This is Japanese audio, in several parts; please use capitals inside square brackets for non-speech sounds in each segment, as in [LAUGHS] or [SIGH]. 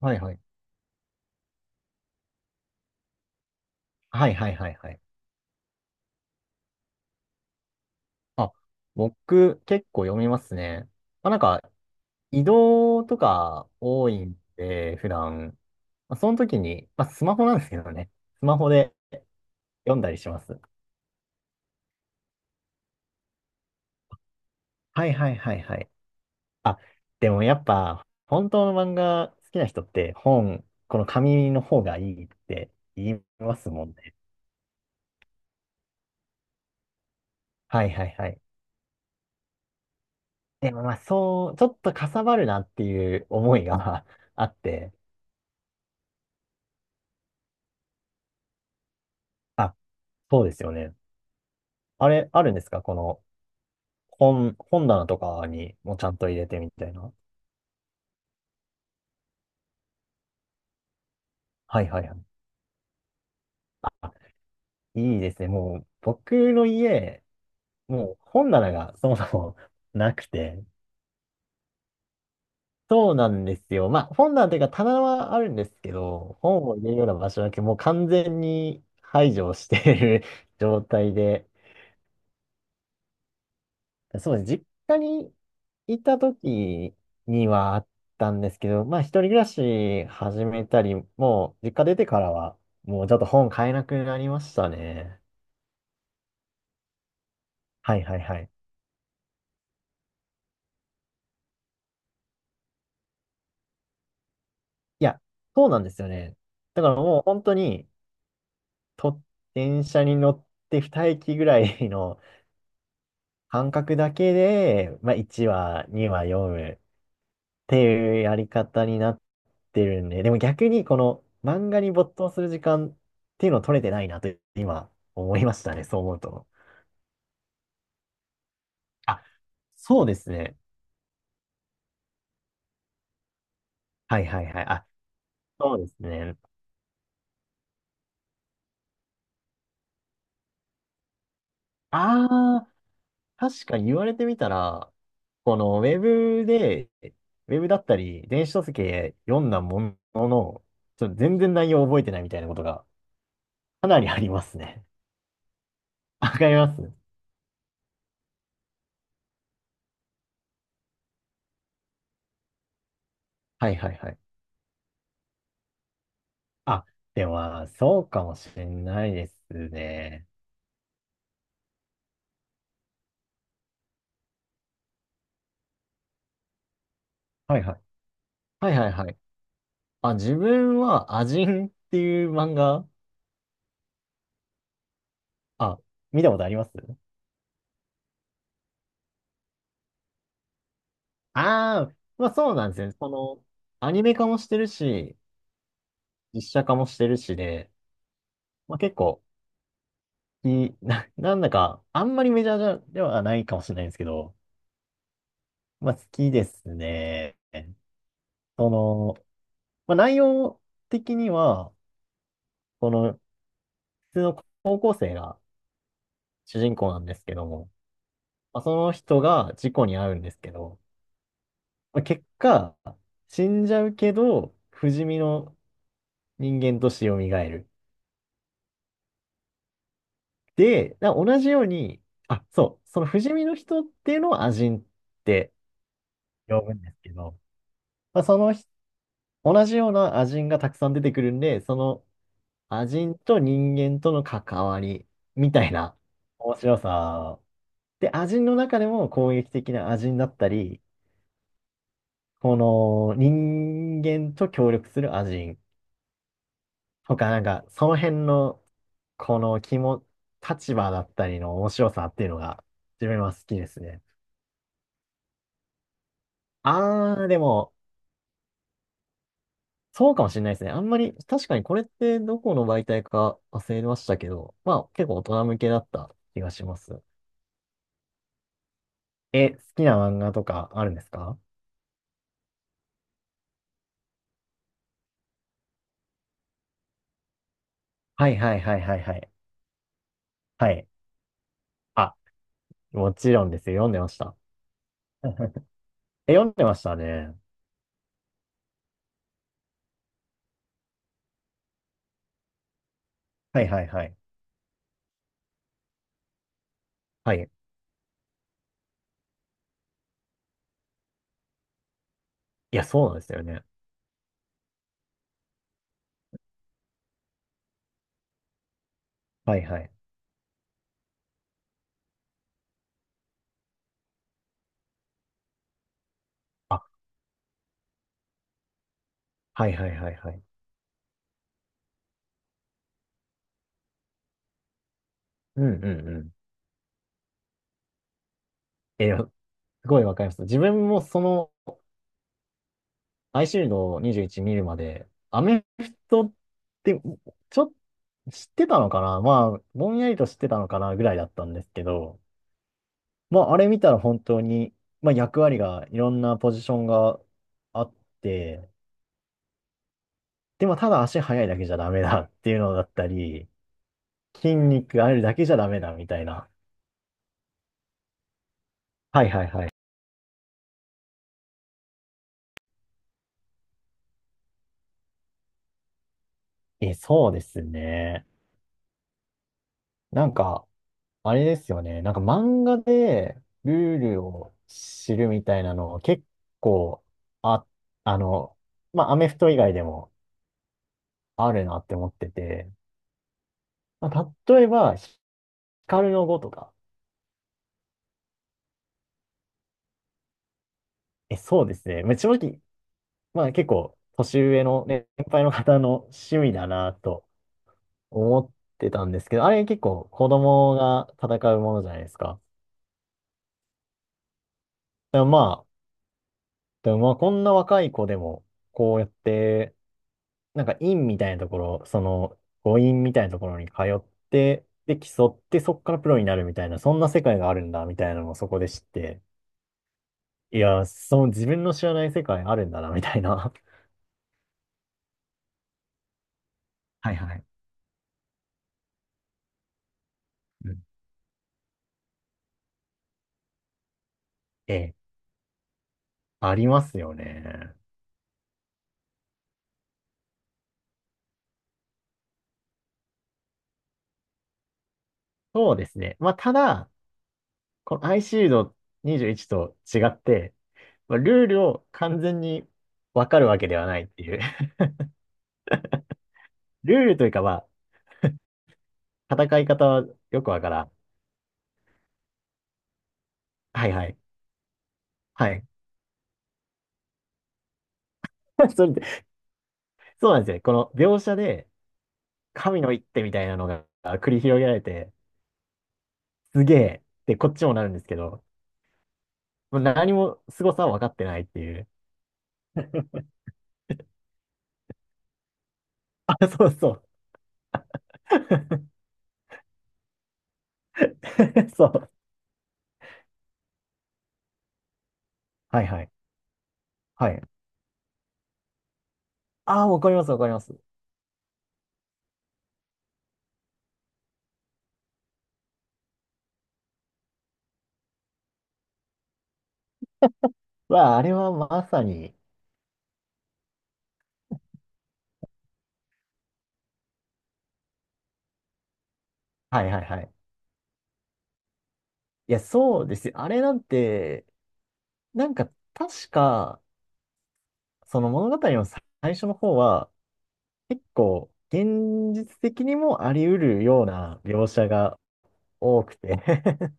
はいはい。はいはいはいはい。あ、僕結構読みますね。まあ、なんか移動とか多いんで、普段。まあ、その時に、まあ、スマホなんですけどね。スマホで読んだりします。はいはいはいはい。あ、でもやっぱ本当の漫画好きな人って、この紙の方がいいって言いますもんね。はいはいはい。でもまあそう、ちょっとかさばるなっていう思いが [LAUGHS] あって。あ、そうですよね。あれ、あるんですか、この、本棚とかにもちゃんと入れてみたいな。はいはいはい。あ、いいですね。もう、僕の家、もう本棚がそもそも [LAUGHS] なくて。そうなんですよ。まあ、本棚というか棚はあるんですけど、本を入れるような場所だけもう完全に排除している [LAUGHS] 状態で。そうです。実家にいた時にはあったんですけど、まあ一人暮らし始めたり、もう実家出てからは、もうちょっと本買えなくなりましたね。はいはいはい。いや、そうなんですよね。だからもう本当に、と、電車に乗って二駅ぐらいの間隔だけで、まあ1話、2話読むていうやり方になってるんで、でも逆にこの漫画に没頭する時間っていうのを取れてないなと今思いましたね、そう思うと。あ、そうですね。はいはいはい。あ、そうですね。ああ、確かに言われてみたら、このウェブだったり、電子書籍で読んだものの、ちょっと全然内容を覚えてないみたいなことがかなりありますね。[LAUGHS] わかります。はいはいはい。あ、では、そうかもしれないですね。はいはい。はいはいはい。あ、自分は、アジンっていう漫画、あ、見たことあります？まあそうなんですね。その、アニメ化もしてるし、実写化もしてるしで、まあ結構、[LAUGHS] なんだか、あんまりメジャーじゃではないかもしれないんですけど、まあ好きですね。その、まあ内容的には、この、普通の高校生が主人公なんですけども、まあその人が事故に遭うんですけど、まあ結果、死んじゃうけど、不死身の人間として蘇る。で、同じように、そう、その不死身の人っていうのをアジンって呼ぶんですけど、まあ、そのひ同じようなアジンがたくさん出てくるんで、そのアジンと人間との関わりみたいな面白さ。で、アジンの中でも攻撃的なアジンだったり、この人間と協力するアジンとか、なんか、その辺の、この気も、立場だったりの面白さっていうのが、自分は好きですね。あー、でも、そうかもしれないですね。あんまり、確かにこれってどこの媒体か忘れましたけど、まあ、結構大人向けだった気がします。え、好きな漫画とかあるんですか？はいはいはいはいはい。はい。あ、もちろんですよ。読んでました。[LAUGHS] え、読んでましたね。はいはいはい。はい。いや、そうなんですよね。はいはい。あ、はいはいはいはい。うんうんうん。えー、すごいわかります。自分もアイシールド21見るまで、アメフトって、ちょっと知ってたのかな、まあ、ぼんやりと知ってたのかなぐらいだったんですけど、まあ、あれ見たら本当に、まあ、役割が、いろんなポジションがあって、でもただ足速いだけじゃダメだっていうのだったり、筋肉あるだけじゃダメだみたいな。はいはいはい。え、そうですね。なんか、あれですよね。なんか漫画でルールを知るみたいなの結構、あ、あの、まあ、アメフト以外でもあるなって思ってて、まあ、例えば、光の碁とか。え、そうですね。まあ、正直、まあ、結構、年上のね、先輩の方の趣味だなと思ってたんですけど、あれ結構子供が戦うものじゃないですか。でもまあ、でもまあ、こんな若い子でも、こうやって、なんか院みたいなところ、その、五院みたいなところに通って、で、競って、そっからプロになるみたいな、そんな世界があるんだ、みたいなのをそこで知って、いや、その自分の知らない世界あるんだな、みたいな。[LAUGHS] はいはい。うん。ええ、ありますよね。そうですね。まあ、ただ、このアイシールド21と違って、まあ、ルールを完全にわかるわけではないっていう。[LAUGHS] ルールというか、まあ、戦い方はよくわからん。はいはい。はい。[LAUGHS] それそうなんですよね。この描写で、神の一手みたいなのが繰り広げられて、すげえってこっちもなるんですけど、もう何も凄さは分かってないっていう。あ、そうそう。[LAUGHS] そう。はいはい。はい。ああ、わかります、わかります。わあ、あれはまさに。はいはいはい。いや、そうですよ。あれなんて、なんか確か、その物語の最初の方は、結構現実的にもあり得るような描写が多くて [LAUGHS]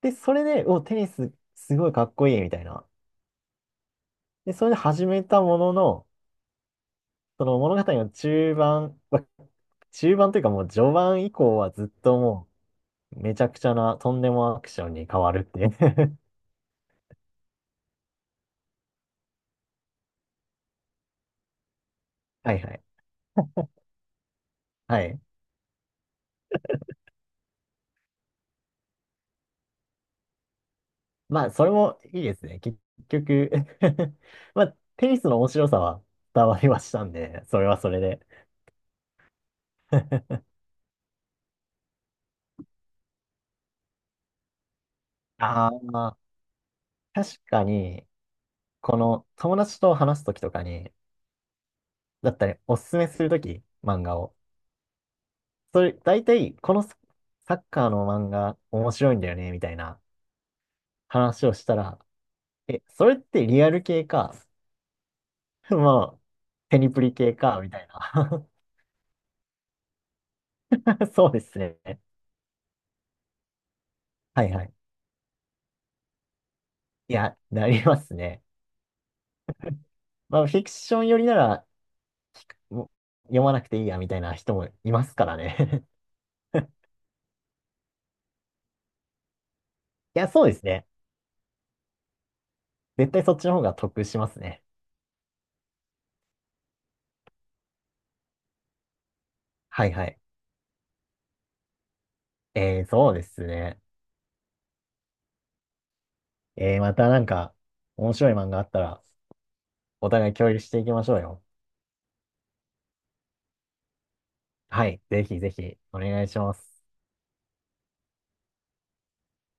で、それで、お、テニスすごいかっこいいみたいな。で、それで始めたものの、その物語の中盤というかもう序盤以降はずっともうめちゃくちゃなとんでもアクションに変わるっていう。 [LAUGHS] はいはい。はい。まあ、それもいいですね。結局 [LAUGHS] まあ、テニスの面白さは伝わりましたんで、それはそれで。[LAUGHS] ああ、まあ確かに、この友達と話すときとかに、だったり、おすすめするとき、漫画を。それ、大体、このサッカーの漫画面白いんだよね、みたいな話をしたら、え、それってリアル系か、[LAUGHS] まあ、テニプリ系か、みたいな。[LAUGHS] そうですね。はいはい。いや、なりますね。まあ、フィクション寄りなら、もう読まなくていいや、みたいな人もいますからね。[LAUGHS] いや、そうですね。絶対そっちの方が得しますね。はいはい。そうですね。またなんか、面白い漫画あったら、お互い共有していきましょうよ。はい。ぜひぜひお願いします。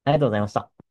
ありがとうございました。